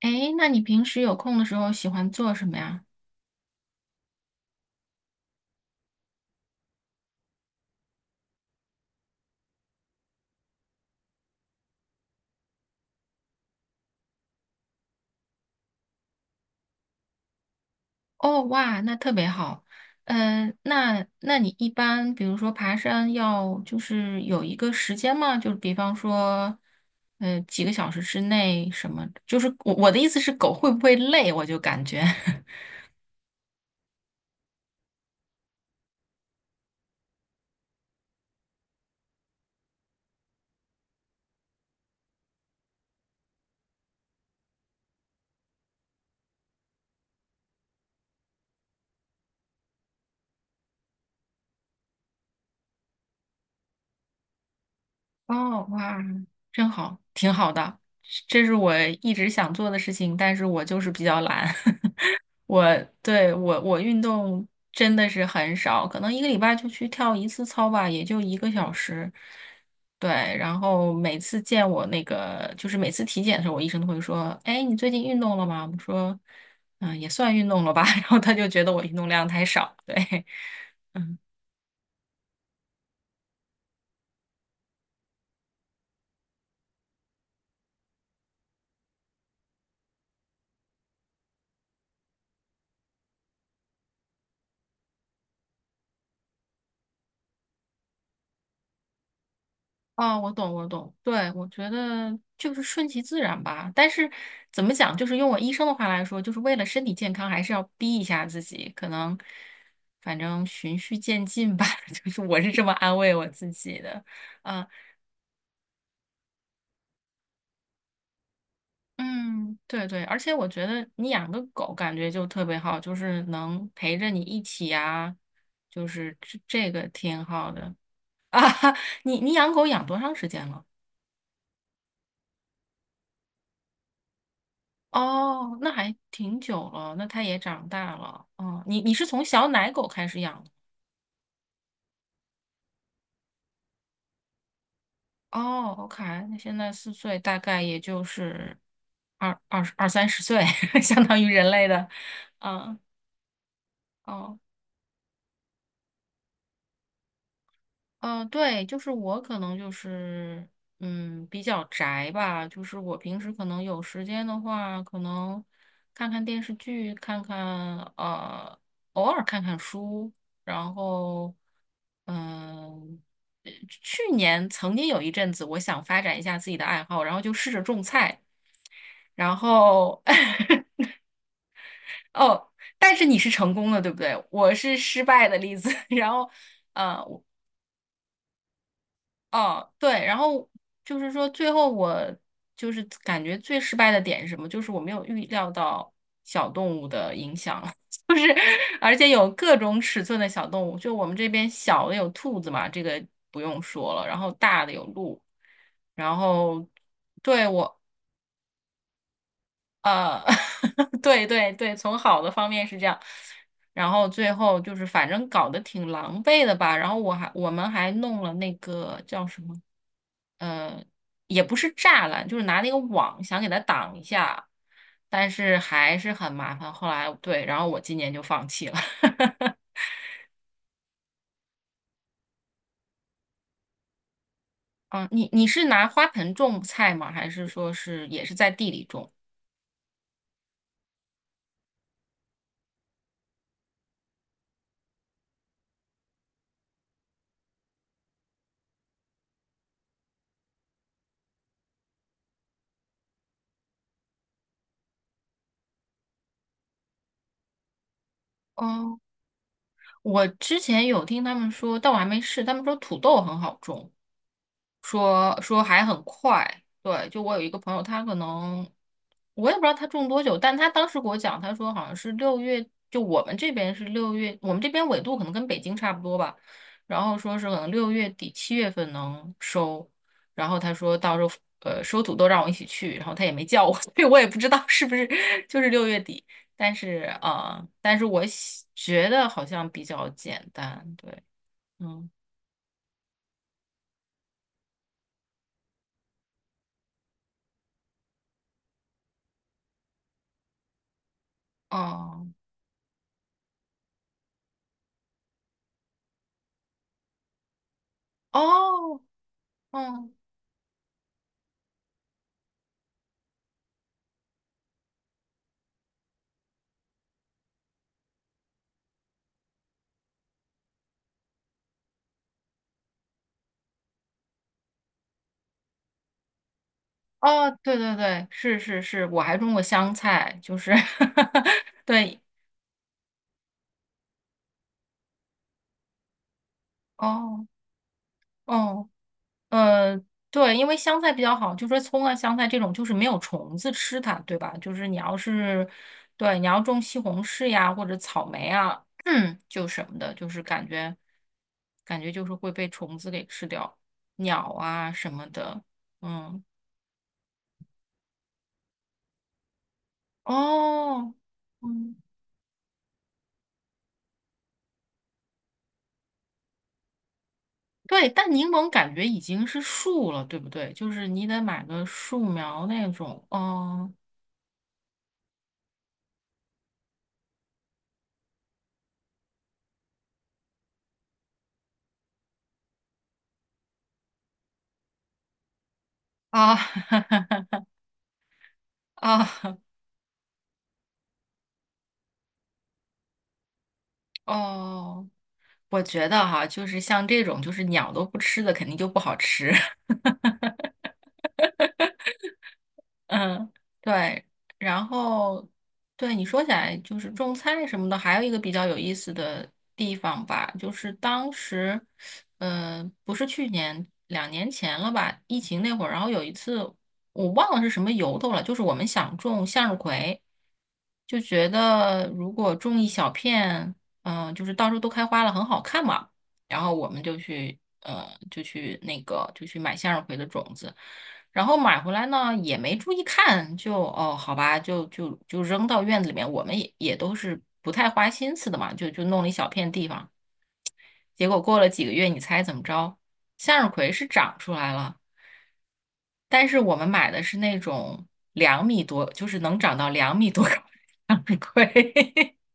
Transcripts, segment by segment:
诶，那你平时有空的时候喜欢做什么呀？哦，哇，那特别好。那你一般比如说爬山要就是有一个时间吗？就比方说，几个小时之内什么？就是我的意思是，狗会不会累？我就感觉，哦，哇，真好，挺好的。这是我一直想做的事情，但是我就是比较懒。我，对，我运动真的是很少，可能1个礼拜就去跳一次操吧，也就1个小时。对，然后每次见我那个，就是每次体检的时候，我医生都会说：“哎，你最近运动了吗？”我说：“嗯，也算运动了吧。然后他就觉得我运动量太少。对，哦，我懂，我懂。对，我觉得就是顺其自然吧。但是怎么讲，就是用我医生的话来说，就是为了身体健康，还是要逼一下自己。可能，反正循序渐进吧。就是我是这么安慰我自己的。啊，嗯，对对。而且我觉得你养个狗感觉就特别好，就是能陪着你一起啊，就是这个挺好的。你养狗养多长时间了？哦，那还挺久了，那它也长大了。哦，你是从小奶狗开始养的？哦，OK，那现在4岁，大概也就是二二二30岁，相当于人类的。嗯，哦。嗯，对，就是我可能就是，嗯，比较宅吧。就是我平时可能有时间的话，可能看看电视剧，看看偶尔看看书。然后，嗯、去年曾经有一阵子，我想发展一下自己的爱好，然后就试着种菜。然后，哦，但是你是成功的，对不对？我是失败的例子。然后。呃哦，对，然后就是说，最后我就是感觉最失败的点是什么？就是我没有预料到小动物的影响，而且有各种尺寸的小动物。就我们这边小的有兔子嘛，这个不用说了，然后大的有鹿，然后对我。呃，对对对，从好的方面是这样，然后最后就是反正搞得挺狼狈的吧，然后我们还弄了那个叫什么，呃，也不是栅栏，就是拿那个网想给它挡一下，但是还是很麻烦。后来对，然后我今年就放弃了。嗯，你是拿花盆种菜吗？还是说是也是在地里种？哦，我之前有听他们说，但我还没试。他们说土豆很好种，说说还很快。对，就我有一个朋友，他可能我也不知道他种多久，但他当时给我讲，他说好像是六月，就我们这边是六月，我们这边纬度可能跟北京差不多吧。然后说是可能六月底7月份能收，然后他说到时候收土豆让我一起去，然后他也没叫我，所以我也不知道是不是就是六月底。但是我觉得好像比较简单，对，嗯，哦哦，嗯。哦，对对对，是是是，我还种过香菜，就是 对，哦哦，呃，对，因为香菜比较好，就说葱啊、香菜这种就是没有虫子吃它，对吧？就是你要是对，你要种西红柿呀或者草莓啊，嗯，就什么的，就是感觉就是会被虫子给吃掉，鸟啊什么的，嗯，哦，嗯。对，但柠檬感觉已经是树了，对不对？就是你得买个树苗那种。哦啊 啊哦，我觉得哈，就是像这种就是鸟都不吃的，肯定就不好吃。嗯，对，然后对你说起来就是种菜什么的，还有一个比较有意思的地方吧，就是当时，嗯，不是去年，2年前了吧，疫情那会儿，然后有一次我忘了是什么由头了，就是我们想种向日葵，就觉得如果种一小片，就是到时候都开花了，很好看嘛。然后我们就去买向日葵的种子，然后买回来呢也没注意看，就哦好吧，就扔到院子里面，我们也都是不太花心思的嘛，就弄了一小片地方，结果过了几个月，你猜怎么着？向日葵是长出来了，但是我们买的是那种两米多，就是能长到两米多高的向日葵。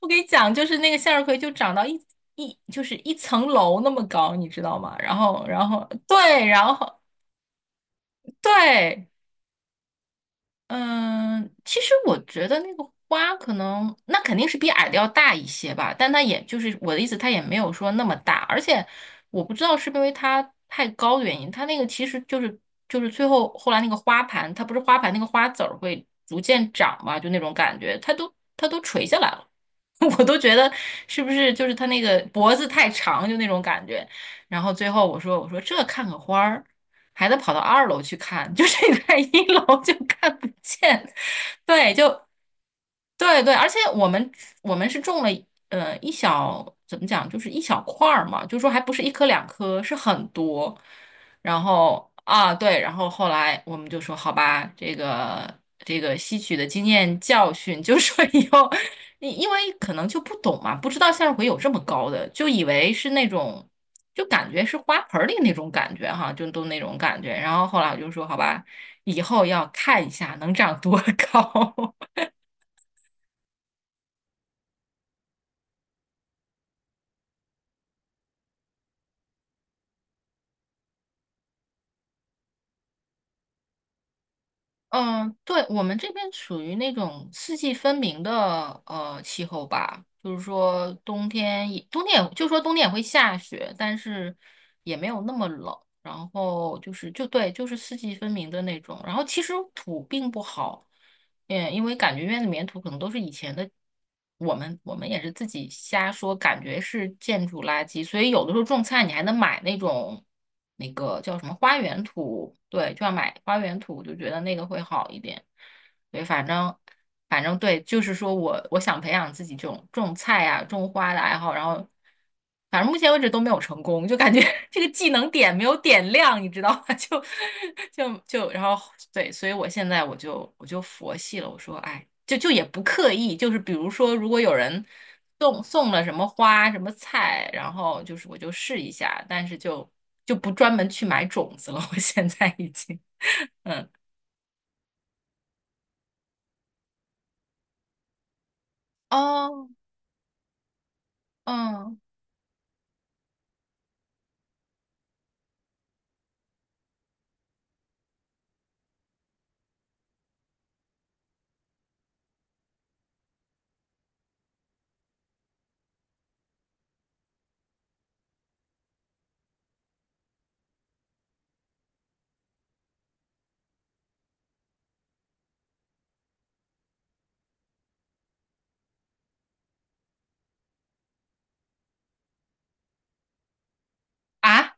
我给你讲，就是那个向日葵就长到就是一层楼那么高，你知道吗？然后，然后对，然后对，嗯，其实我觉得那个花可能，那肯定是比矮的要大一些吧，但它也就是我的意思，它也没有说那么大，而且我不知道是不是因为它太高的原因，它那个其实就是后来那个花盘，它不是花盘那个花籽儿会逐渐长嘛，就那种感觉，它都垂下来了，我都觉得是不是就是它那个脖子太长，就那种感觉，然后最后我说这看个花儿。还得跑到2楼去看，就是你在1楼就看不见。对，就对对，而且我们是种了呃一小怎么讲，就是一小块儿嘛，就是说还不是一颗两颗，是很多。然后啊，对，然后后来我们就说，好吧，这个吸取的经验教训，就是说以后，因为可能就不懂嘛，不知道向日葵有这么高的，就以为是那种。就感觉是花盆儿里那种感觉哈，就都那种感觉。然后后来我就说，好吧，以后要看一下能长多高。嗯，对，我们这边属于那种四季分明的气候吧，就是说冬天也会下雪，但是也没有那么冷。然后就是就对，就是四季分明的那种。然后其实土并不好。嗯，因为感觉院子里面土可能都是以前的，我们也是自己瞎说，感觉是建筑垃圾，所以有的时候种菜你还能买那种那个叫什么花园土，对，就要买花园土，就觉得那个会好一点。对，反正。反正对，就是说我想培养自己这种种菜啊、种花的爱好，然后反正目前为止都没有成功，就感觉 这个技能点没有点亮，你知道吗？就然后对，所以我现在我就佛系了，我说哎，就也不刻意，就是比如说如果有人送了什么花、什么菜，然后就是我就试一下，但是就不专门去买种子了，我现在已经。哦，嗯啊，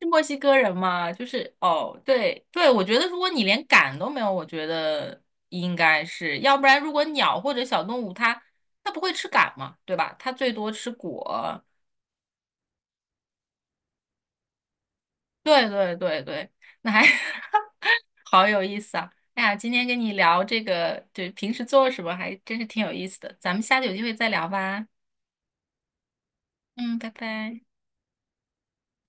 是墨西哥人吗？就是哦，对对，我觉得如果你连赶都没有，我觉得应该是，要不然如果鸟或者小动物它不会吃赶嘛，对吧？它最多吃果。对对对对，那还 好有意思啊！哎呀，今天跟你聊这个，对，平时做什么还真是挺有意思的，咱们下次有机会再聊吧。嗯，拜拜。